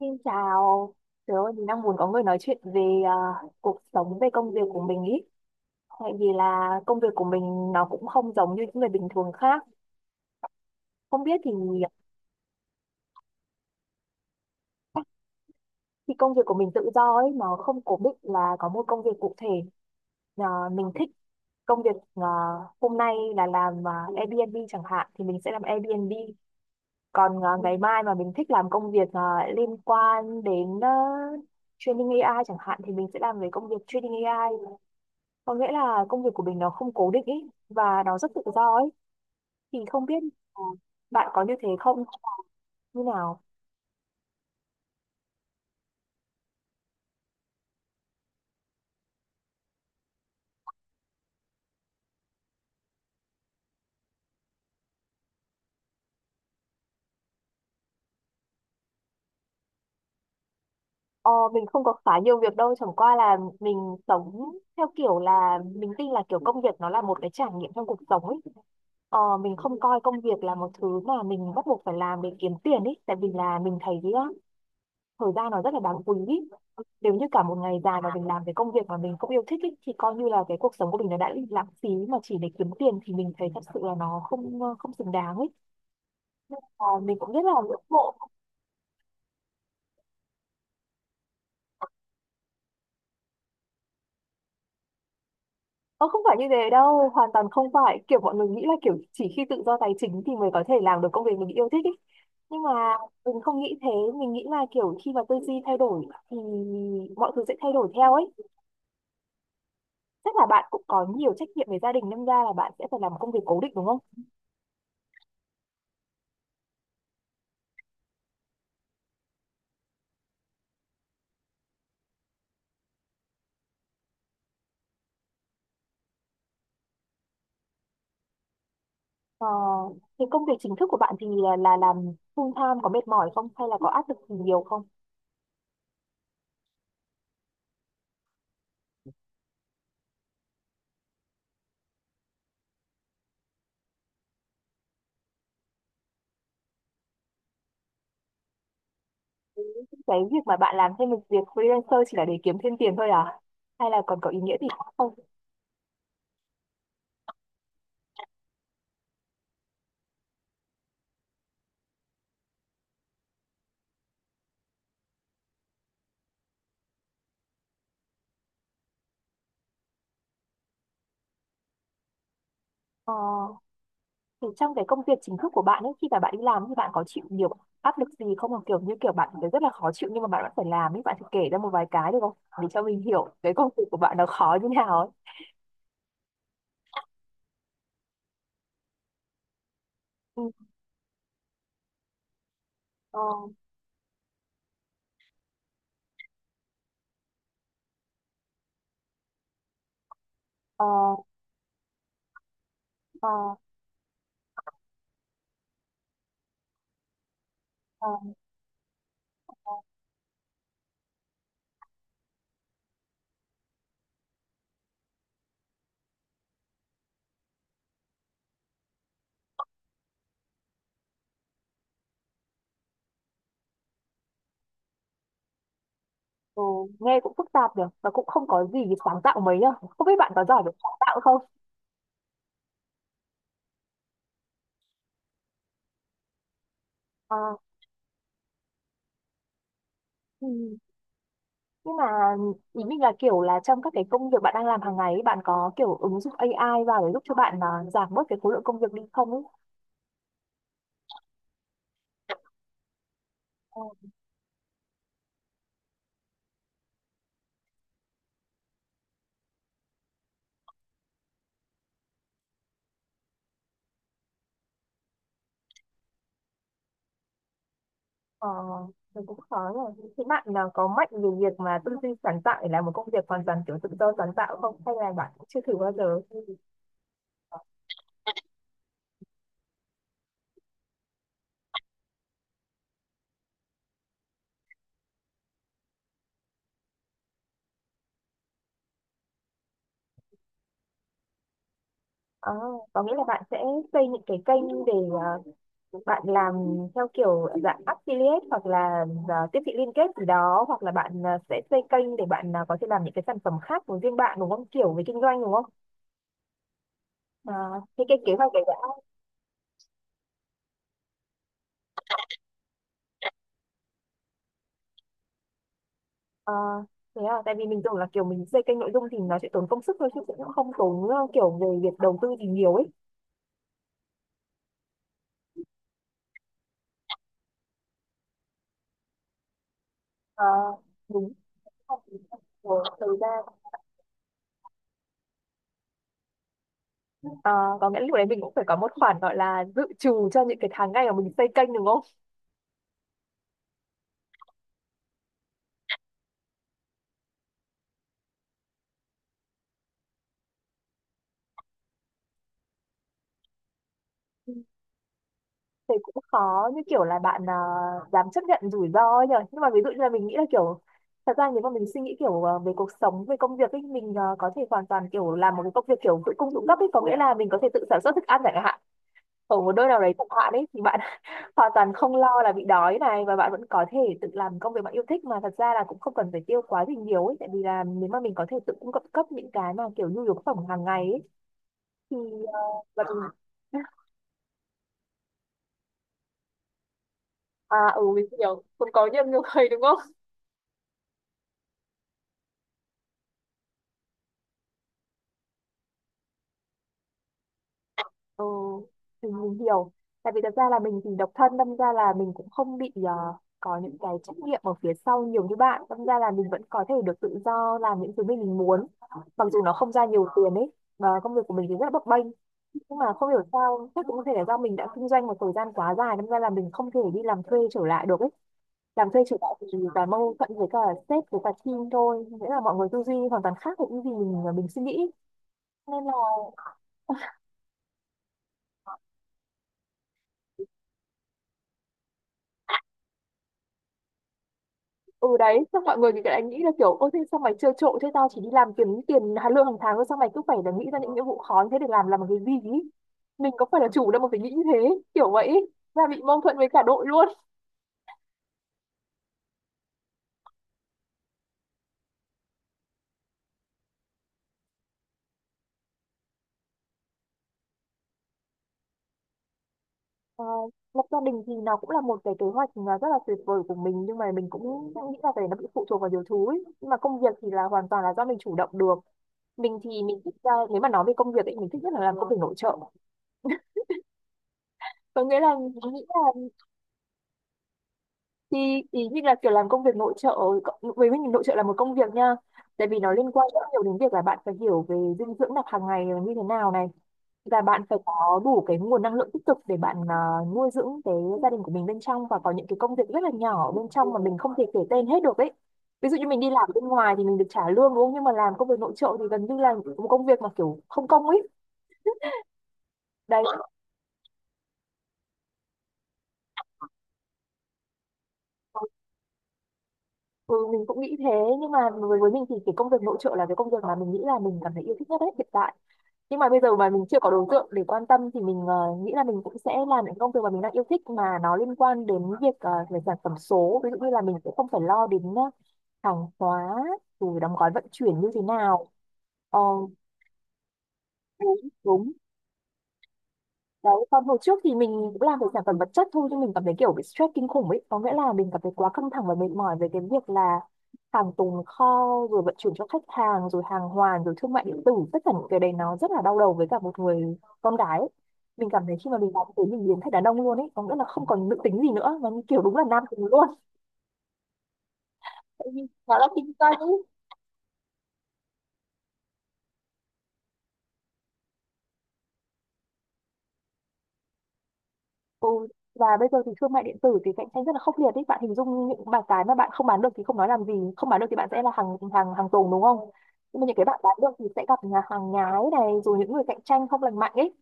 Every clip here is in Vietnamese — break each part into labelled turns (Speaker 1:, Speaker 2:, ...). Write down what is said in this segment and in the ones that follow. Speaker 1: Xin chào, tớ thì đang muốn có người nói chuyện về cuộc sống, về công việc của mình ý. Tại vì là công việc của mình nó cũng không giống như những người bình thường khác. Không biết thì khi công việc của mình tự do ấy, nó không cố định là có một công việc cụ thể. À, mình thích công việc hôm nay là làm Airbnb chẳng hạn thì mình sẽ làm Airbnb. Còn ngày mai mà mình thích làm công việc liên quan đến training AI chẳng hạn thì mình sẽ làm về công việc training AI, có nghĩa là công việc của mình nó không cố định ý và nó rất tự do ấy. Thì không biết là bạn có như thế không, như nào. Ờ, mình không có khá nhiều việc đâu, chẳng qua là mình sống theo kiểu là mình tin là kiểu công việc nó là một cái trải nghiệm trong cuộc sống ấy. Ờ, mình không coi công việc là một thứ mà mình bắt buộc phải làm để kiếm tiền ấy, tại vì là mình thấy ý, á, thời gian nó rất là đáng quý ý. Nếu như cả một ngày dài mà mình làm cái công việc mà mình không yêu thích ý, thì coi như là cái cuộc sống của mình nó đã bị lãng phí mà chỉ để kiếm tiền thì mình thấy thật sự là nó không không xứng đáng ấy. À, mình cũng rất là ngưỡng mộ. Ờ, không phải như thế đâu, hoàn toàn không phải kiểu mọi người nghĩ là kiểu chỉ khi tự do tài chính thì mới có thể làm được công việc mình yêu thích ấy, nhưng mà mình không nghĩ thế. Mình nghĩ là kiểu khi mà tư duy thay đổi thì mọi thứ sẽ thay đổi theo ấy. Chắc là bạn cũng có nhiều trách nhiệm về gia đình nên ra là bạn sẽ phải làm công việc cố định đúng không? Ờ, thì công việc chính thức của bạn thì là làm full time có mệt mỏi không hay là có áp lực gì nhiều không? Cái việc mà bạn làm thêm một việc freelancer chỉ là để kiếm thêm tiền thôi à? Hay là còn có ý nghĩa gì khác không? Ờ, thì trong cái công việc chính thức của bạn ấy khi mà bạn đi làm thì bạn có chịu nhiều áp lực gì không? Hoặc kiểu như kiểu bạn thấy rất là khó chịu nhưng mà bạn vẫn phải làm ấy, bạn thử kể ra một vài cái được không? Để cho mình hiểu cái công việc của bạn nó khó như nào ấy. Ừ. Ờ, ờ, ờ, ờ. Ừ, nghe cũng phức tạp được và cũng không có gì sáng tạo mấy nhá. Không biết bạn có giỏi về sáng tạo không. À, ừ. Nhưng mà ý mình là kiểu là trong các cái công việc bạn đang làm hàng ngày ấy, bạn có kiểu ứng dụng AI vào để giúp cho bạn giảm bớt cái khối lượng công việc đi không ấy? Ờ, ờ, thì cũng khó rồi. Thế bạn là có mạnh về việc mà tư duy sáng tạo để làm một công việc hoàn toàn kiểu tự do sáng tạo không? Hay là bạn cũng chưa thử bao giờ? Ờ, có nghĩa là bạn sẽ xây những cái kênh để bạn làm theo kiểu dạng affiliate hoặc là tiếp thị liên kết gì đó, hoặc là bạn sẽ xây kênh để bạn có thể làm những cái sản phẩm khác của riêng bạn đúng không, kiểu về kinh doanh đúng không? À, thế cái kế hoạch đấy đã. À, thế à, tại vì mình tưởng là kiểu mình xây kênh nội dung thì nó sẽ tốn công sức thôi chứ cũng không tốn kiểu về việc đầu tư gì nhiều ấy. À, đúng. Ờ, thời gian. À, có nghĩa là lúc đấy mình cũng phải có một khoản gọi là dự trù cho những cái tháng ngày mà mình xây kênh đúng không? Thì cũng khó, như kiểu là bạn dám chấp nhận rủi ro ấy nhở. Nhưng mà ví dụ như là mình nghĩ là kiểu thật ra nếu mà mình suy nghĩ kiểu về cuộc sống về công việc ấy, mình có thể hoàn toàn kiểu làm một cái công việc kiểu tự cung tự cấp ấy, có nghĩa là mình có thể tự sản xuất thức ăn chẳng hạn, ở một nơi nào đấy chẳng hạn ấy thì bạn hoàn toàn không lo là bị đói này, và bạn vẫn có thể tự làm công việc bạn yêu thích mà thật ra là cũng không cần phải tiêu quá gì nhiều ấy, tại vì là nếu mà mình có thể tự cung cấp cấp những cái mà kiểu nhu yếu phẩm hàng ngày ấy thì và mình à ừ mình hiểu, cũng có nhiều người đúng không. Ừ, thì mình hiểu. Tại vì thật ra là mình thì độc thân, đâm ra là mình cũng không bị có những cái trách nhiệm ở phía sau nhiều như bạn. Đâm ra là mình vẫn có thể được tự do làm những thứ mình muốn. Mặc dù nó không ra nhiều tiền ấy, mà công việc của mình thì rất là bấp bênh. Nhưng mà không hiểu sao, chắc cũng có thể là do mình đã kinh doanh một thời gian quá dài, đâm ra là mình không thể đi làm thuê trở lại được ấy. Làm thuê trở lại thì toàn mâu thuẫn với cả sếp với cả team thôi. Nghĩa là mọi người tư duy hoàn toàn khác với những gì mình suy nghĩ. Nên là ừ đấy, xong mọi người thì lại nghĩ là kiểu ôi thế sao mày trơ trội thế, tao chỉ đi làm kiếm tiền lương hàng tháng thôi, sao mày cứ phải là nghĩ ra những nhiệm vụ khó như thế để làm một cái gì ý? Mình có phải là chủ đâu mà phải nghĩ như thế, kiểu vậy ý. Ra bị mâu thuẫn với cả đội luôn. Ờ, lập gia đình thì nó cũng là một cái kế hoạch mà rất là tuyệt vời của mình, nhưng mà mình cũng nghĩ là cái đấy nó bị phụ thuộc vào nhiều thứ ấy. Nhưng mà công việc thì là hoàn toàn là do mình chủ động được. Mình thì mình thích ờ, nếu mà nói về công việc ấy mình thích nhất là làm công việc nội trợ, có nghĩa là mình nghĩ là thì ý như là kiểu làm công việc nội trợ với mình nội trợ là một công việc nha, tại vì nó liên quan rất nhiều đến việc là bạn phải hiểu về dinh dưỡng đặc hàng ngày là như thế nào này, và bạn phải có đủ cái nguồn năng lượng tích cực để bạn nuôi dưỡng cái gia đình của mình bên trong, và có những cái công việc rất là nhỏ bên trong mà mình không thể kể tên hết được ấy. Ví dụ như mình đi làm bên ngoài thì mình được trả lương đúng không, nhưng mà làm công việc nội trợ thì gần như là một công việc mà kiểu không công ấy. Đấy. Ừ, mình cũng nghĩ thế, nhưng mà với mình thì cái công việc nội trợ là cái công việc mà mình nghĩ là mình cảm thấy yêu thích nhất đấy hiện tại. Nhưng mà bây giờ mà mình chưa có đối tượng để quan tâm thì mình ờ, nghĩ là mình cũng sẽ làm những công việc mà mình đang yêu thích mà nó liên quan đến việc về sản phẩm số, ví dụ như là mình sẽ không phải lo đến hàng hóa rồi đóng gói vận chuyển như thế nào. Ờ, đúng, đúng. Đấy, còn hồi trước thì mình cũng làm về sản phẩm vật chất thôi nhưng mình cảm thấy kiểu bị stress kinh khủng ấy, có nghĩa là mình cảm thấy quá căng thẳng và mệt mỏi về cái việc là hàng tồn kho rồi vận chuyển cho khách hàng rồi hàng hoàn rồi thương mại điện tử, tất cả những cái đấy nó rất là đau đầu với cả một người con gái ấy. Mình cảm thấy khi mà mình làm thế mình biến thành đàn ông luôn ấy, có nghĩa là không còn nữ tính gì nữa mà như kiểu đúng là nam tính luôn, tại vì nó là kinh doanh ấy. Ừ, và bây giờ thì thương mại điện tử thì cạnh tranh rất là khốc liệt đấy bạn, hình dung những mà cái mà bạn không bán được thì không nói làm gì, không bán được thì bạn sẽ là hàng hàng hàng tồn đúng không, nhưng mà những cái bạn bán được thì sẽ gặp nhà hàng nhái này rồi những người cạnh tranh không lành mạnh ấy,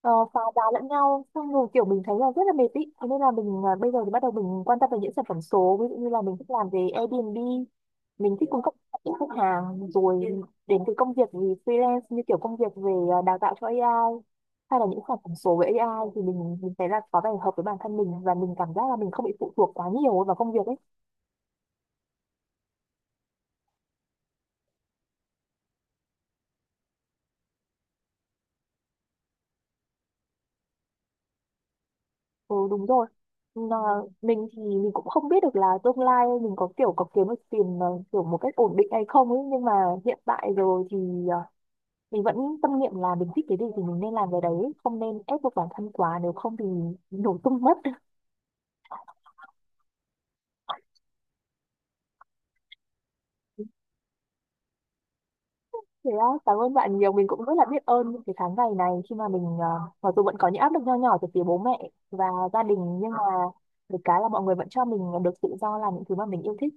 Speaker 1: phá giá lẫn nhau, xong rồi kiểu mình thấy là rất là mệt ý. Thế nên là mình bây giờ thì bắt đầu mình quan tâm về những sản phẩm số, ví dụ như là mình thích làm về Airbnb, mình thích cung cấp cho khách hàng rồi đến cái công việc gì freelance như kiểu công việc về đào tạo cho AI hay là những sản phẩm số với AI thì mình thấy là có vẻ hợp với bản thân mình, và mình cảm giác là mình không bị phụ thuộc quá nhiều vào công việc ấy. Ừ đúng rồi. Mà mình thì mình cũng không biết được là tương lai mình có kiểu có kiếm được tiền kiểu một cách ổn định hay không ấy, nhưng mà hiện tại rồi thì ờ, mình vẫn tâm niệm là mình thích cái gì thì mình nên làm cái đấy, không nên ép buộc bản thân quá, nếu không thì nổ tung mất. Thế á, cảm ơn bạn nhiều. Mình cũng rất là biết ơn những cái tháng ngày này khi mà mình ờ, mặc dù vẫn có những áp lực nho nhỏ từ phía bố mẹ và gia đình, nhưng mà được cái là mọi người vẫn cho mình được tự do làm những thứ mà mình yêu thích.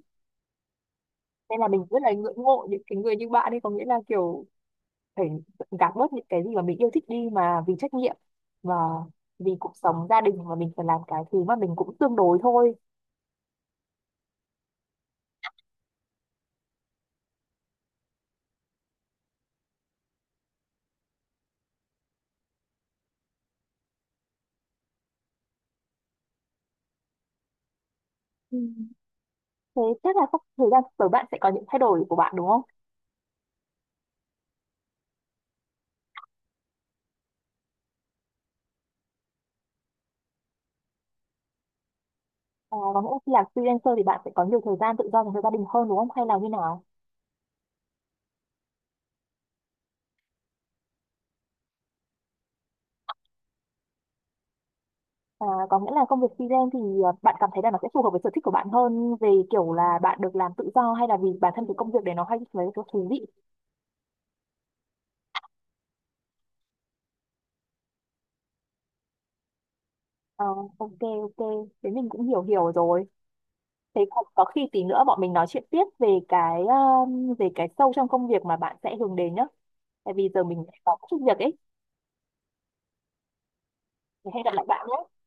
Speaker 1: Nên là mình rất là ngưỡng mộ những cái người như bạn ấy, có nghĩa là kiểu phải gạt bớt những cái gì mà mình yêu thích đi mà vì trách nhiệm và vì cuộc sống gia đình mà mình phải làm cái thứ mà mình cũng tương đối thôi. Ừ. Thế chắc là sắp thời gian sắp tới bạn sẽ có những thay đổi của bạn đúng không? À, có nghĩa là khi làm freelancer thì bạn sẽ có nhiều thời gian tự do dành cho gia đình hơn đúng không? Hay là như nào? À, có nghĩa là công việc freelance thì bạn cảm thấy là nó sẽ phù hợp với sở thích của bạn hơn về kiểu là bạn được làm tự do hay là vì bản thân cái công việc đấy nó hay với cái thú vị? Ờ, ok, ok, thế mình cũng hiểu hiểu rồi. Thế có khi tí nữa bọn mình nói chuyện tiếp về cái sâu trong công việc mà bạn sẽ hướng đến nhá, tại vì giờ mình có chút việc ấy. Thì hẹn gặp lại bạn nhé.